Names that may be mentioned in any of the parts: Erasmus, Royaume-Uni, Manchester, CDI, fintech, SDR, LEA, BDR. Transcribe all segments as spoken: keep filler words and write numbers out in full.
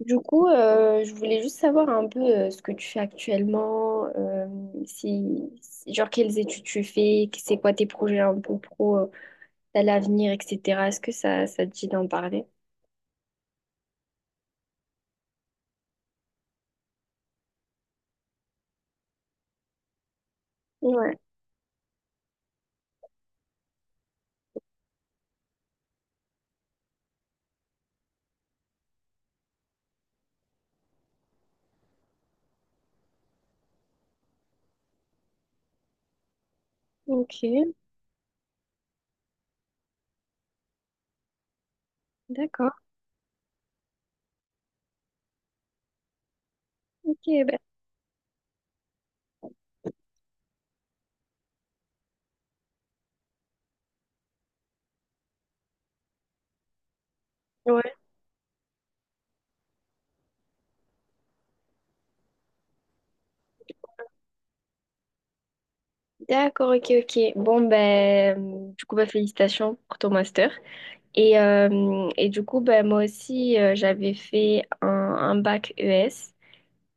Du coup, euh, je voulais juste savoir un peu euh, ce que tu fais actuellement, euh, si, si- genre quelles études tu fais, que- c'est quoi tes projets un peu pro euh, à l'avenir, et cetera. Est-ce que ça, ça te dit d'en parler? Ouais, ok, d'accord. Ok, ben, ouais, d'accord, ok, ok. Bon, ben, du coup, ben, félicitations pour ton master. Et, euh, et du coup, ben, moi aussi, euh, j'avais fait un, un bac E S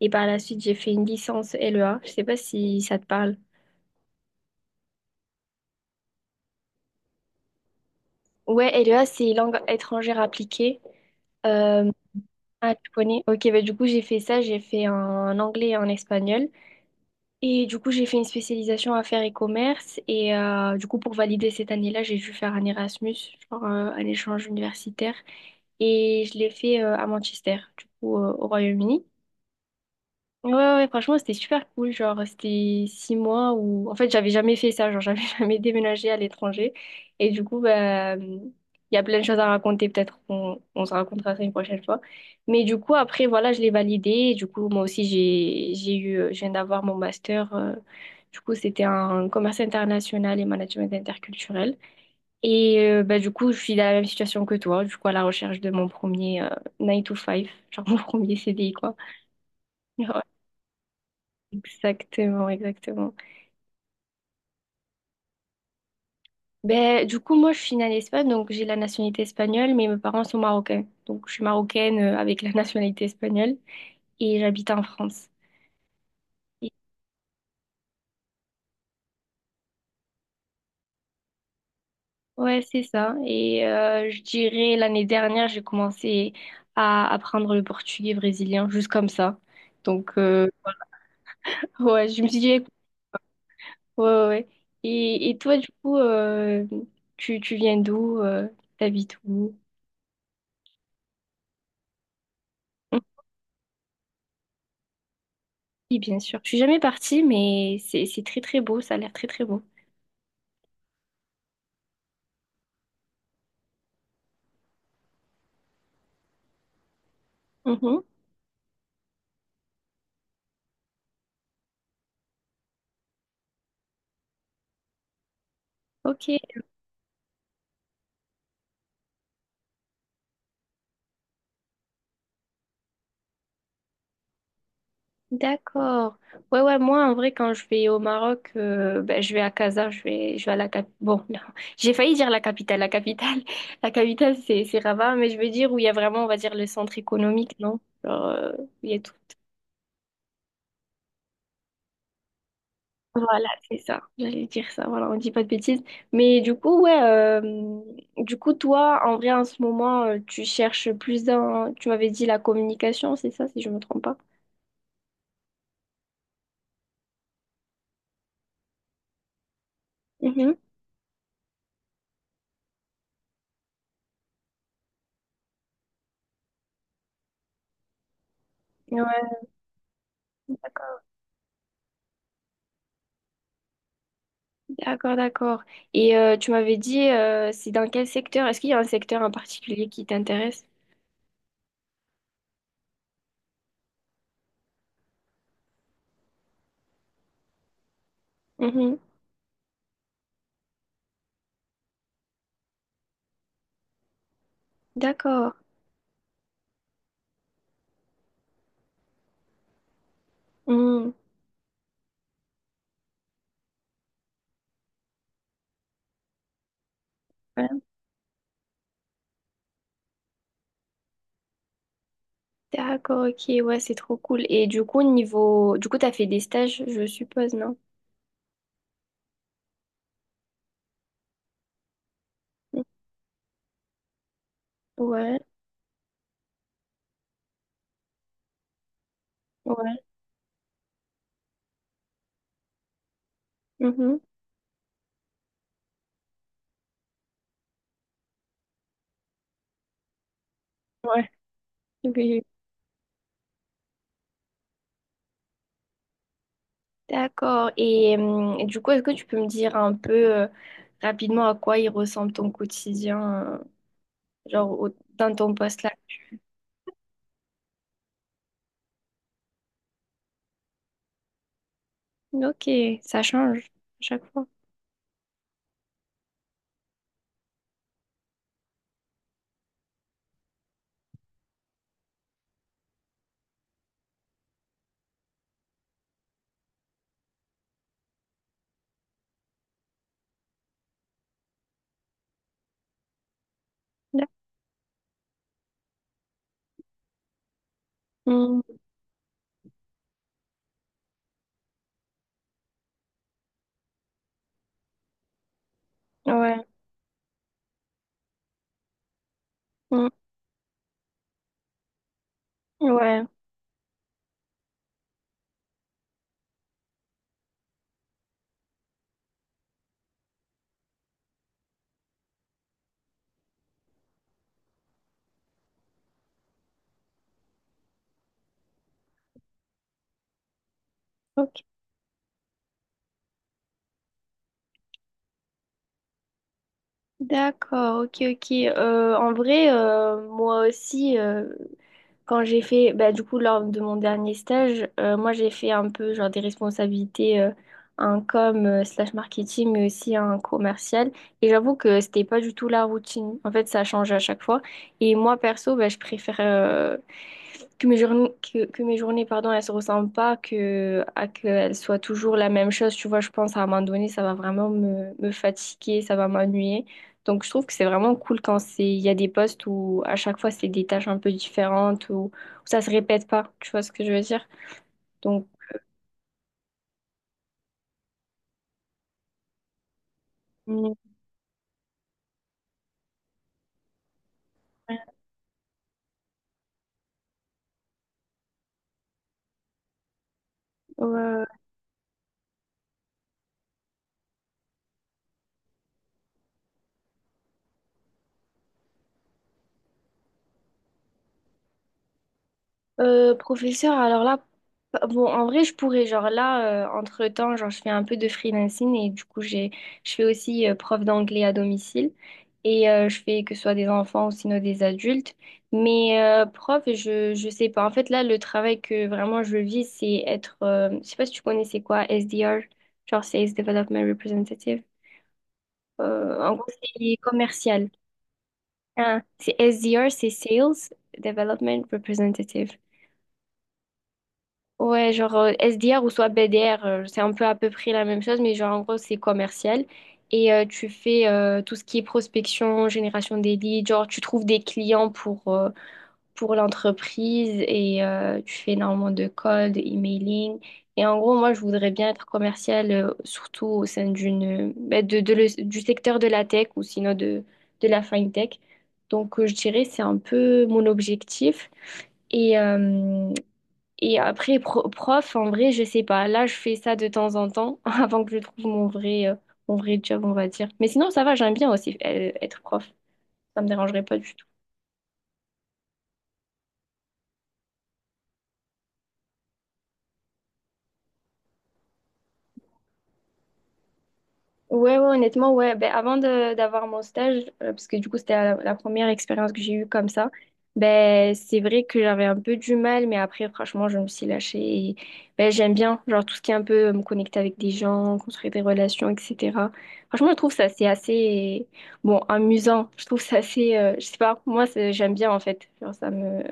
et par la suite, j'ai fait une licence L E A. Je sais pas si ça te parle. Ouais, L E A, c'est langue étrangère appliquée. Euh, ah, tu connais? Ok, bah, du coup, j'ai fait ça. J'ai fait en anglais et en espagnol. Et du coup, j'ai fait une spécialisation affaires et commerce. Et euh, du coup, pour valider cette année-là, j'ai dû faire un Erasmus, genre euh, un échange universitaire. Et je l'ai fait euh, à Manchester, du coup, euh, au Royaume-Uni. Ouais, ouais, ouais, franchement, c'était super cool. Genre, c'était six mois où, en fait, j'avais jamais fait ça. Genre, j'avais jamais déménagé à l'étranger. Et du coup, bah, mmh, il y a plein de choses à raconter. Peut-être qu'on on se racontera ça une prochaine fois. Mais du coup, après, voilà, je l'ai validé. Et du coup, moi aussi, j'ai, j'ai eu, euh, je viens d'avoir mon master. Euh, du coup, c'était en commerce international et management interculturel. Et euh, bah, du coup, je suis dans la même situation que toi. Du coup, à la recherche de mon premier euh, nine to five genre mon premier C D I, quoi. Exactement, exactement. Ben, du coup, moi, je suis née en Espagne, donc j'ai la nationalité espagnole, mais mes parents sont marocains. Donc, je suis marocaine euh, avec la nationalité espagnole et j'habite en France. Et- ouais, c'est ça. Et euh, je dirais, l'année dernière, j'ai commencé à apprendre le portugais brésilien, juste comme ça. Donc, euh, ouais, je me suis dit, écoute, ouais, ouais. Ouais. Et, et toi, du coup, euh, tu, tu viens d'où? Euh, t'habites où? Oui, bien sûr. Je suis jamais partie, mais c'est c'est très très beau. Ça a l'air très très beau. Mhm. Ok, d'accord. Ouais, ouais, moi en vrai, quand je vais au Maroc, euh, ben, je vais à Casa, je vais, je vais à la capitale. Bon, non, j'ai failli dire la capitale. La capitale, la capitale, c'est c'est Rabat, mais je veux dire où il y a vraiment, on va dire, le centre économique, non? Genre, euh, où il y a tout. Voilà, c'est ça. J'allais dire ça, voilà, on dit pas de bêtises. Mais du coup, ouais, euh, du coup, toi, en vrai, en ce moment, euh, tu cherches plus dans, tu m'avais dit la communication, c'est ça, si je me trompe pas. Mhm. Ouais, d'accord, d'accord. D'accord. Et euh, tu m'avais dit, euh, c'est dans quel secteur? Est-ce qu'il y a un secteur en particulier qui t'intéresse? Mhm. D'accord. Mhm. Ouais. D'accord, ok, ouais, c'est trop cool. Et du coup, niveau, du coup, t'as fait des stages, je suppose, non? Ouais, ouais. Mhm. Ouais. Oui. D'accord. Et, euh, et du coup, est-ce que tu peux me dire un peu euh, rapidement à quoi il ressemble ton quotidien, euh, genre au- dans ton poste là? Ok, ça change à chaque fois. D'ac- Mm, ouais. Mm, ouais, ok. D'accord, ok, ok. Euh, en vrai, euh, moi aussi. Quand j'ai fait, bah, du coup, lors de mon dernier stage, euh, moi, j'ai fait un peu genre des responsabilités, euh, un com euh, slash marketing, mais aussi un commercial. Et j'avoue que c'était pas du tout la routine. En fait, ça change à chaque fois. Et moi, perso, bah, je préfère. Euh, que mes journées, que, que mes journées, pardon, elles se ressemblent pas, que, à qu'elles soient toujours la même chose. Tu vois, je pense à un moment donné, ça va vraiment me, me fatiguer, ça va m'ennuyer. Donc, je trouve que c'est vraiment cool quand c'est, il y a des postes où à chaque fois, c'est des tâches un peu différentes, ou où ça se répète pas. Tu vois ce que je veux dire? Donc, Mm. Ouais, ouais. Euh, professeur, alors là, pa- bon, en vrai, je pourrais, genre là, euh, entre-temps, genre, je fais un peu de freelancing et du coup, j'ai, je fais aussi euh, prof d'anglais à domicile et euh, je fais que ce soit des enfants ou sinon des adultes. Mais euh, prof, je, je sais pas. En fait, là, le travail que vraiment je vis, c'est être, euh, je sais pas si tu connais, c'est quoi, S D R, genre Sales Development Representative. Euh, en gros, c'est commercial. Hein, c'est S D R, c'est Sales Development Representative. Ouais, genre euh, S D R ou soit B D R, euh, c'est un peu à peu près la même chose, mais genre en gros c'est commercial. Et euh, tu fais euh, tout ce qui est prospection, génération des leads, genre tu trouves des clients pour, euh, pour l'entreprise et euh, tu fais énormément de calls, de emailing. Et en gros, moi je voudrais bien être commercial, euh, surtout au sein d'une, bah, de, de le- du secteur de la tech ou sinon de, de la fintech. Donc euh, je dirais c'est un peu mon objectif. Et, euh, et après, pro- prof, en vrai, je sais pas. Là, je fais ça de temps en temps avant que je trouve mon vrai, euh, mon vrai job, on va dire. Mais sinon, ça va, j'aime bien aussi euh, être prof. Ça me dérangerait pas du tout. Ouais, ouais, honnêtement, ouais. Ben, avant de d'avoir mon stage, euh, parce que du coup, c'était la, la première expérience que j'ai eue comme ça, ben, c'est vrai que j'avais un peu du mal, mais après, franchement, je me suis lâchée. Et, ben, j'aime bien, genre, tout ce qui est un peu euh, me connecter avec des gens, construire des relations, et cetera. Franchement, je trouve ça, c'est assez, bon, amusant. Je trouve ça assez, euh, je sais pas, moi, c'est- j'aime bien, en fait. Genre, ça me,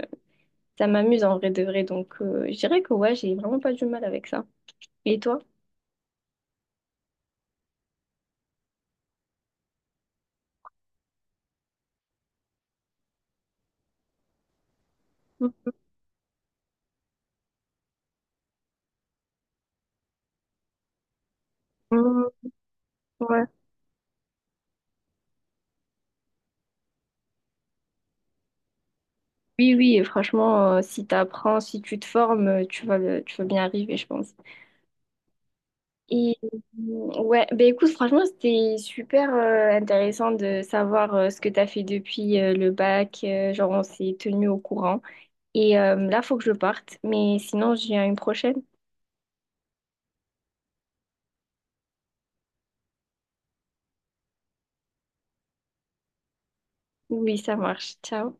ça m'amuse en vrai de vrai. Donc, euh, je dirais que, ouais, j'ai vraiment pas du mal avec ça. Et toi? Mmh, ouais. Oui, oui, et franchement, euh, si tu apprends, si tu te formes, euh, tu vas, le- tu vas bien arriver, je pense. Et euh, ouais, ben écoute, franchement, c'était super euh, intéressant de savoir euh, ce que tu as fait depuis euh, le bac. Euh, genre, on s'est tenu au courant. Et euh, là, faut que je parte, mais sinon, je viens une prochaine. Oui, ça marche. Ciao.